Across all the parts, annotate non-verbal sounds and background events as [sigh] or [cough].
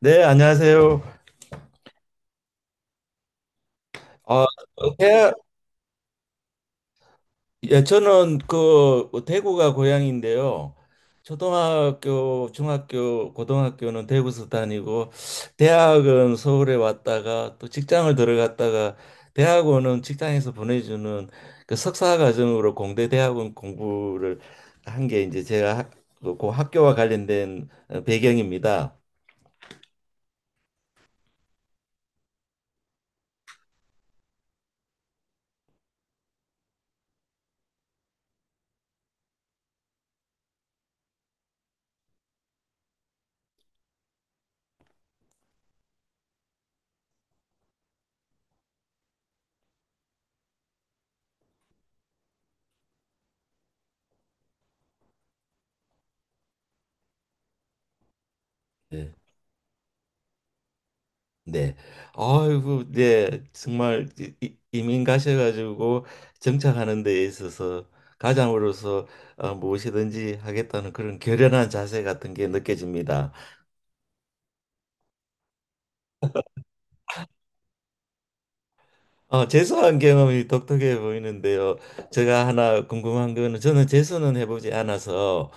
네, 안녕하세요. 아, 예, 예, 저는 그 대구가 고향인데요. 초등학교, 중학교, 고등학교는 대구에서 다니고, 대학은 서울에 왔다가 또 직장을 들어갔다가 대학원은 직장에서 보내주는 그 석사 과정으로 공대 대학원 공부를 한 게 이제 제가 그 학교와 관련된 배경입니다. 예. 네. 아이고, 네. 정말 이민 가셔가지고 정착하는 데 있어서 가장으로서 무엇이든지 하겠다는 그런 결연한 자세 같은 게 느껴집니다. 재수한 경험이 독특해 보이는데요. 제가 하나 궁금한 거는 저는 재수는 해보지 않아서,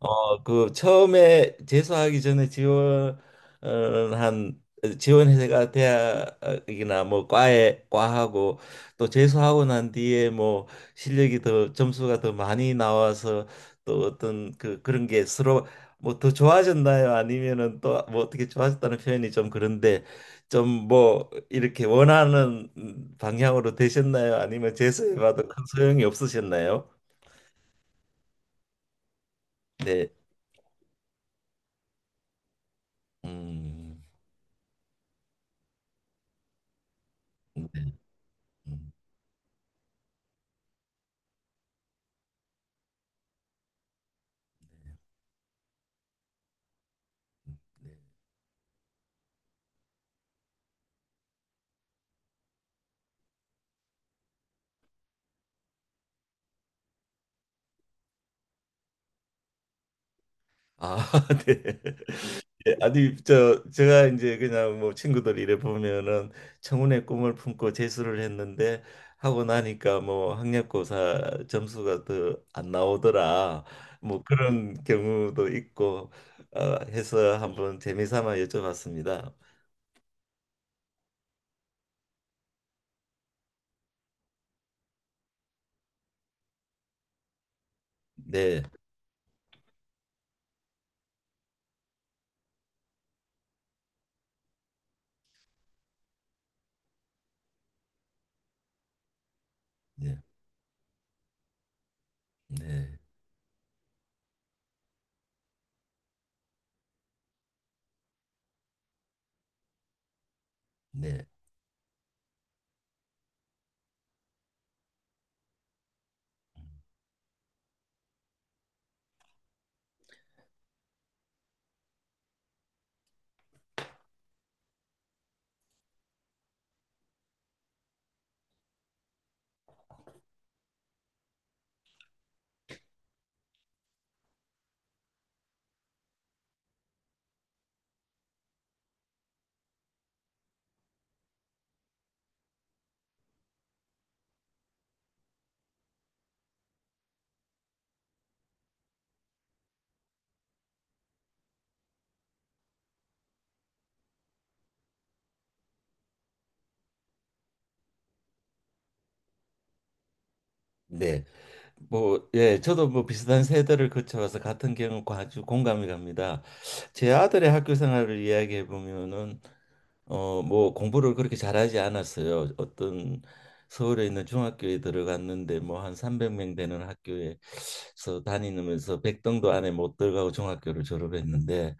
그 처음에 재수하기 전에 지원한 지원회가 대학이나 뭐 과에 과하고 또 재수하고 난 뒤에 뭐 실력이 더 점수가 더 많이 나와서 또 어떤 그 그런 게 서로 뭐 더 좋아졌나요? 아니면은 또 뭐 어떻게 좋아졌다는 표현이 좀 그런데, 좀 뭐 이렇게 원하는 방향으로 되셨나요? 아니면 재수해봐도 큰 소용이 없으셨나요? 네. 음. 음. 아, [laughs] 네. 예, 아니 제가 이제 그냥 뭐 친구들 이래 보면은 청운의 꿈을 품고 재수를 했는데 하고 나니까 뭐 학력고사 점수가 더 안 나오더라. 뭐 그런 경우도 있고 해서 한번 재미삼아 여쭤봤습니다. 네. 네. 네. 네. 네, 뭐, 예, 저도 뭐 비슷한 세대를 거쳐와서 같은 경험 아주 공감이 갑니다. 제 아들의 학교 생활을 이야기해 보면은, 뭐 공부를 그렇게 잘하지 않았어요. 어떤 서울에 있는 중학교에 들어갔는데 뭐 한 300명 되는 학교에서 다니면서 백등도 안에 못 들어가고 중학교를 졸업했는데,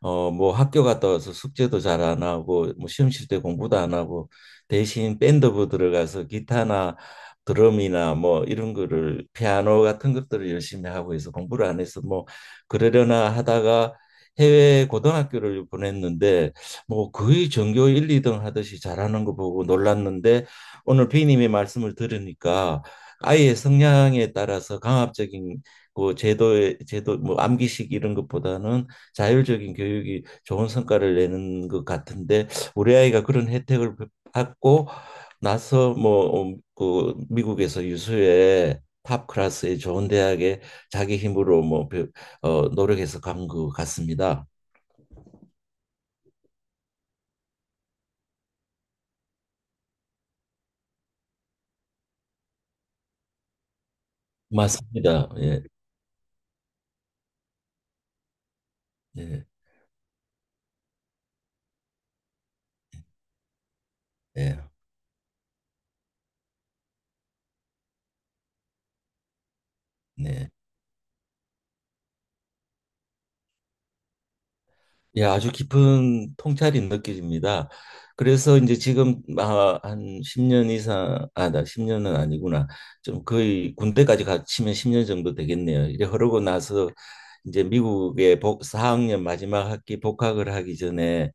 뭐 학교 갔다 와서 숙제도 잘 안 하고 뭐 시험 칠 때 공부도 안 하고 대신 밴드부 들어가서 기타나 드럼이나 뭐 이런 거를 피아노 같은 것들을 열심히 하고 해서 공부를 안 해서 뭐 그러려나 하다가 해외 고등학교를 보냈는데 뭐 거의 전교 1, 2등 하듯이 잘하는 거 보고 놀랐는데, 오늘 b 님의 말씀을 들으니까 아이의 성향에 따라서 강압적인 그 제도 뭐 암기식 이런 것보다는 자율적인 교육이 좋은 성과를 내는 것 같은데, 우리 아이가 그런 혜택을 받고 나서 뭐 그 미국에서 유수의 탑 클래스의 좋은 대학에 자기 힘으로 뭐 노력해서 간 것 같습니다. 맞습니다. 예. 예. 네, 네. 예, 아주 깊은 통찰이 느껴집니다. 그래서 이제 지금 아, 한 10년 이상, 아, 나 십 년은 아니구나. 좀 거의 군대까지 갔치면 10년 정도 되겠네요. 이제 흐르고 나서 이제 미국에 4학년 마지막 학기 복학을 하기 전에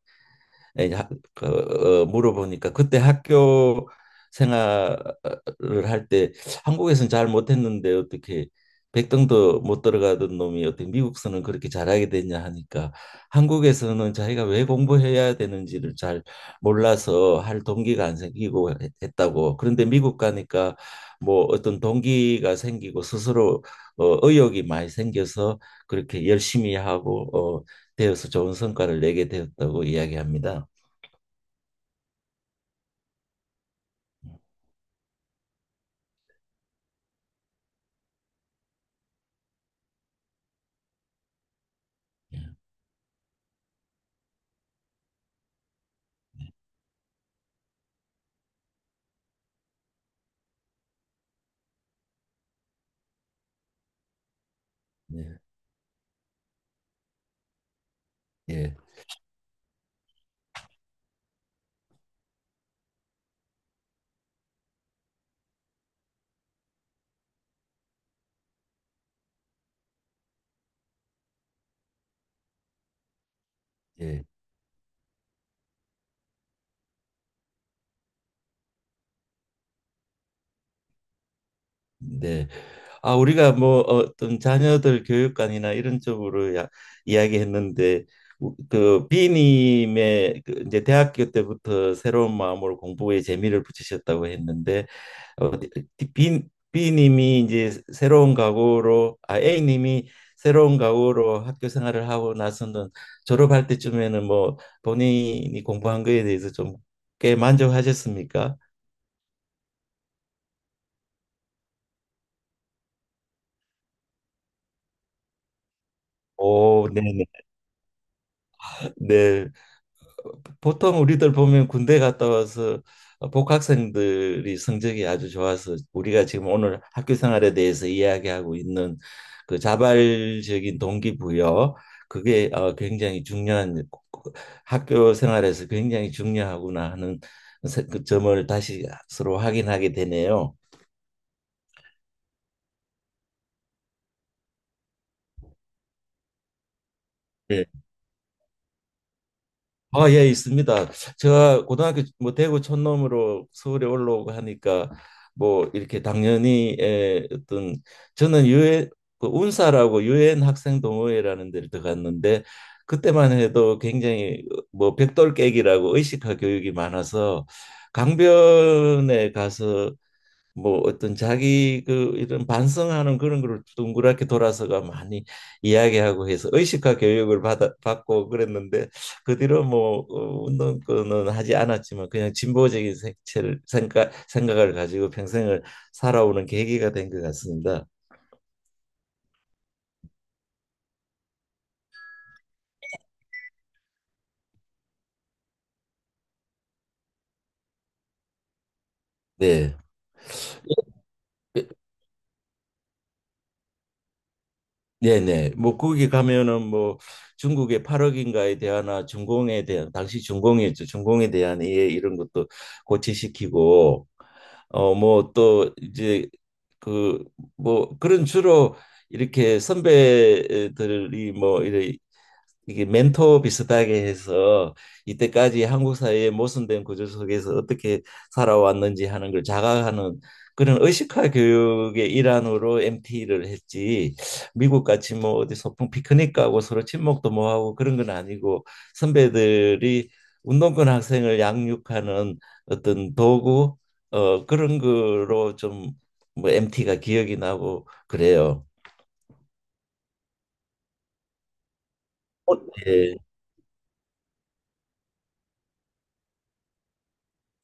에, 하- 그, 물어보니까 그때 학교 생활을 할 때 한국에서는 잘 못했는데 어떻게 백등도 못 들어가던 놈이 어떻게 미국서는 그렇게 잘하게 됐냐 하니까, 한국에서는 자기가 왜 공부해야 되는지를 잘 몰라서 할 동기가 안 생기고 했다고. 그런데 미국 가니까 뭐 어떤 동기가 생기고 스스로 의욕이 많이 생겨서 그렇게 열심히 하고 어, 되어서 좋은 성과를 내게 되었다고 이야기합니다. 네, 예, 예, 예. 네. 아, 우리가 뭐 어떤 자녀들 교육관이나 이런 쪽으로 이야기했는데 그 B님의 그 이제 대학교 때부터 새로운 마음으로 공부에 재미를 붙이셨다고 했는데 어, B, B님이 이제 새로운 각오로 A님이 새로운 각오로 학교 생활을 하고 나서는 졸업할 때쯤에는 뭐 본인이 공부한 거에 대해서 좀 꽤 만족하셨습니까? 오, 네네. 네, 보통 우리들 보면 군대 갔다 와서 복학생들이 성적이 아주 좋아서, 우리가 지금 오늘 학교 생활에 대해서 이야기하고 있는 그 자발적인 동기부여, 그게 굉장히 중요한, 학교 생활에서 굉장히 중요하구나 하는 그 점을 다시 서로 확인하게 되네요. 네. 아, 예, 있습니다. 제가 고등학교 뭐 대구 촌놈으로 서울에 올라오고 하니까 뭐 이렇게 당연히 어떤, 저는 유엔 그 운사라고 유엔 학생 동호회라는 데를 들어갔는데, 그때만 해도 굉장히 뭐 백돌 깨기라고 의식화 교육이 많아서 강변에 가서 뭐 어떤 자기 그 이런 반성하는 그런 걸 둥그렇게 돌아서가 많이 이야기하고 해서 의식화 교육을 받아 받고 그랬는데, 그 뒤로 뭐 운동권은 하지 않았지만 그냥 진보적인 색채를 생각을 가지고 평생을 살아오는 계기가 된 것 같습니다. 네. 네네. 뭐 거기 가면은 뭐 중국의 8억인가에 대한 중공에 대한, 당시 중공이었죠. 중공에 대한 이해 이런 것도 고치시키고 뭐 또 이제 그 뭐 그런 주로 이렇게 선배들이 뭐 이래 이게 멘토 비슷하게 해서 이때까지 한국 사회의 모순된 구조 속에서 어떻게 살아왔는지 하는 걸 자각하는 그런 의식화 교육의 일환으로 MT를 했지. 미국 같이 뭐 어디 소풍 피크닉 가고 서로 친목도 뭐 하고 그런 건 아니고, 선배들이 운동권 학생을 양육하는 어떤 도구 그런 거로 좀 뭐 MT가 기억이 나고 그래요. 어, 예.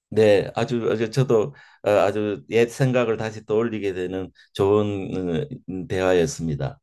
네, 아주 아주 저도 아주 옛 생각을 다시 떠올리게 되는 좋은 대화였습니다.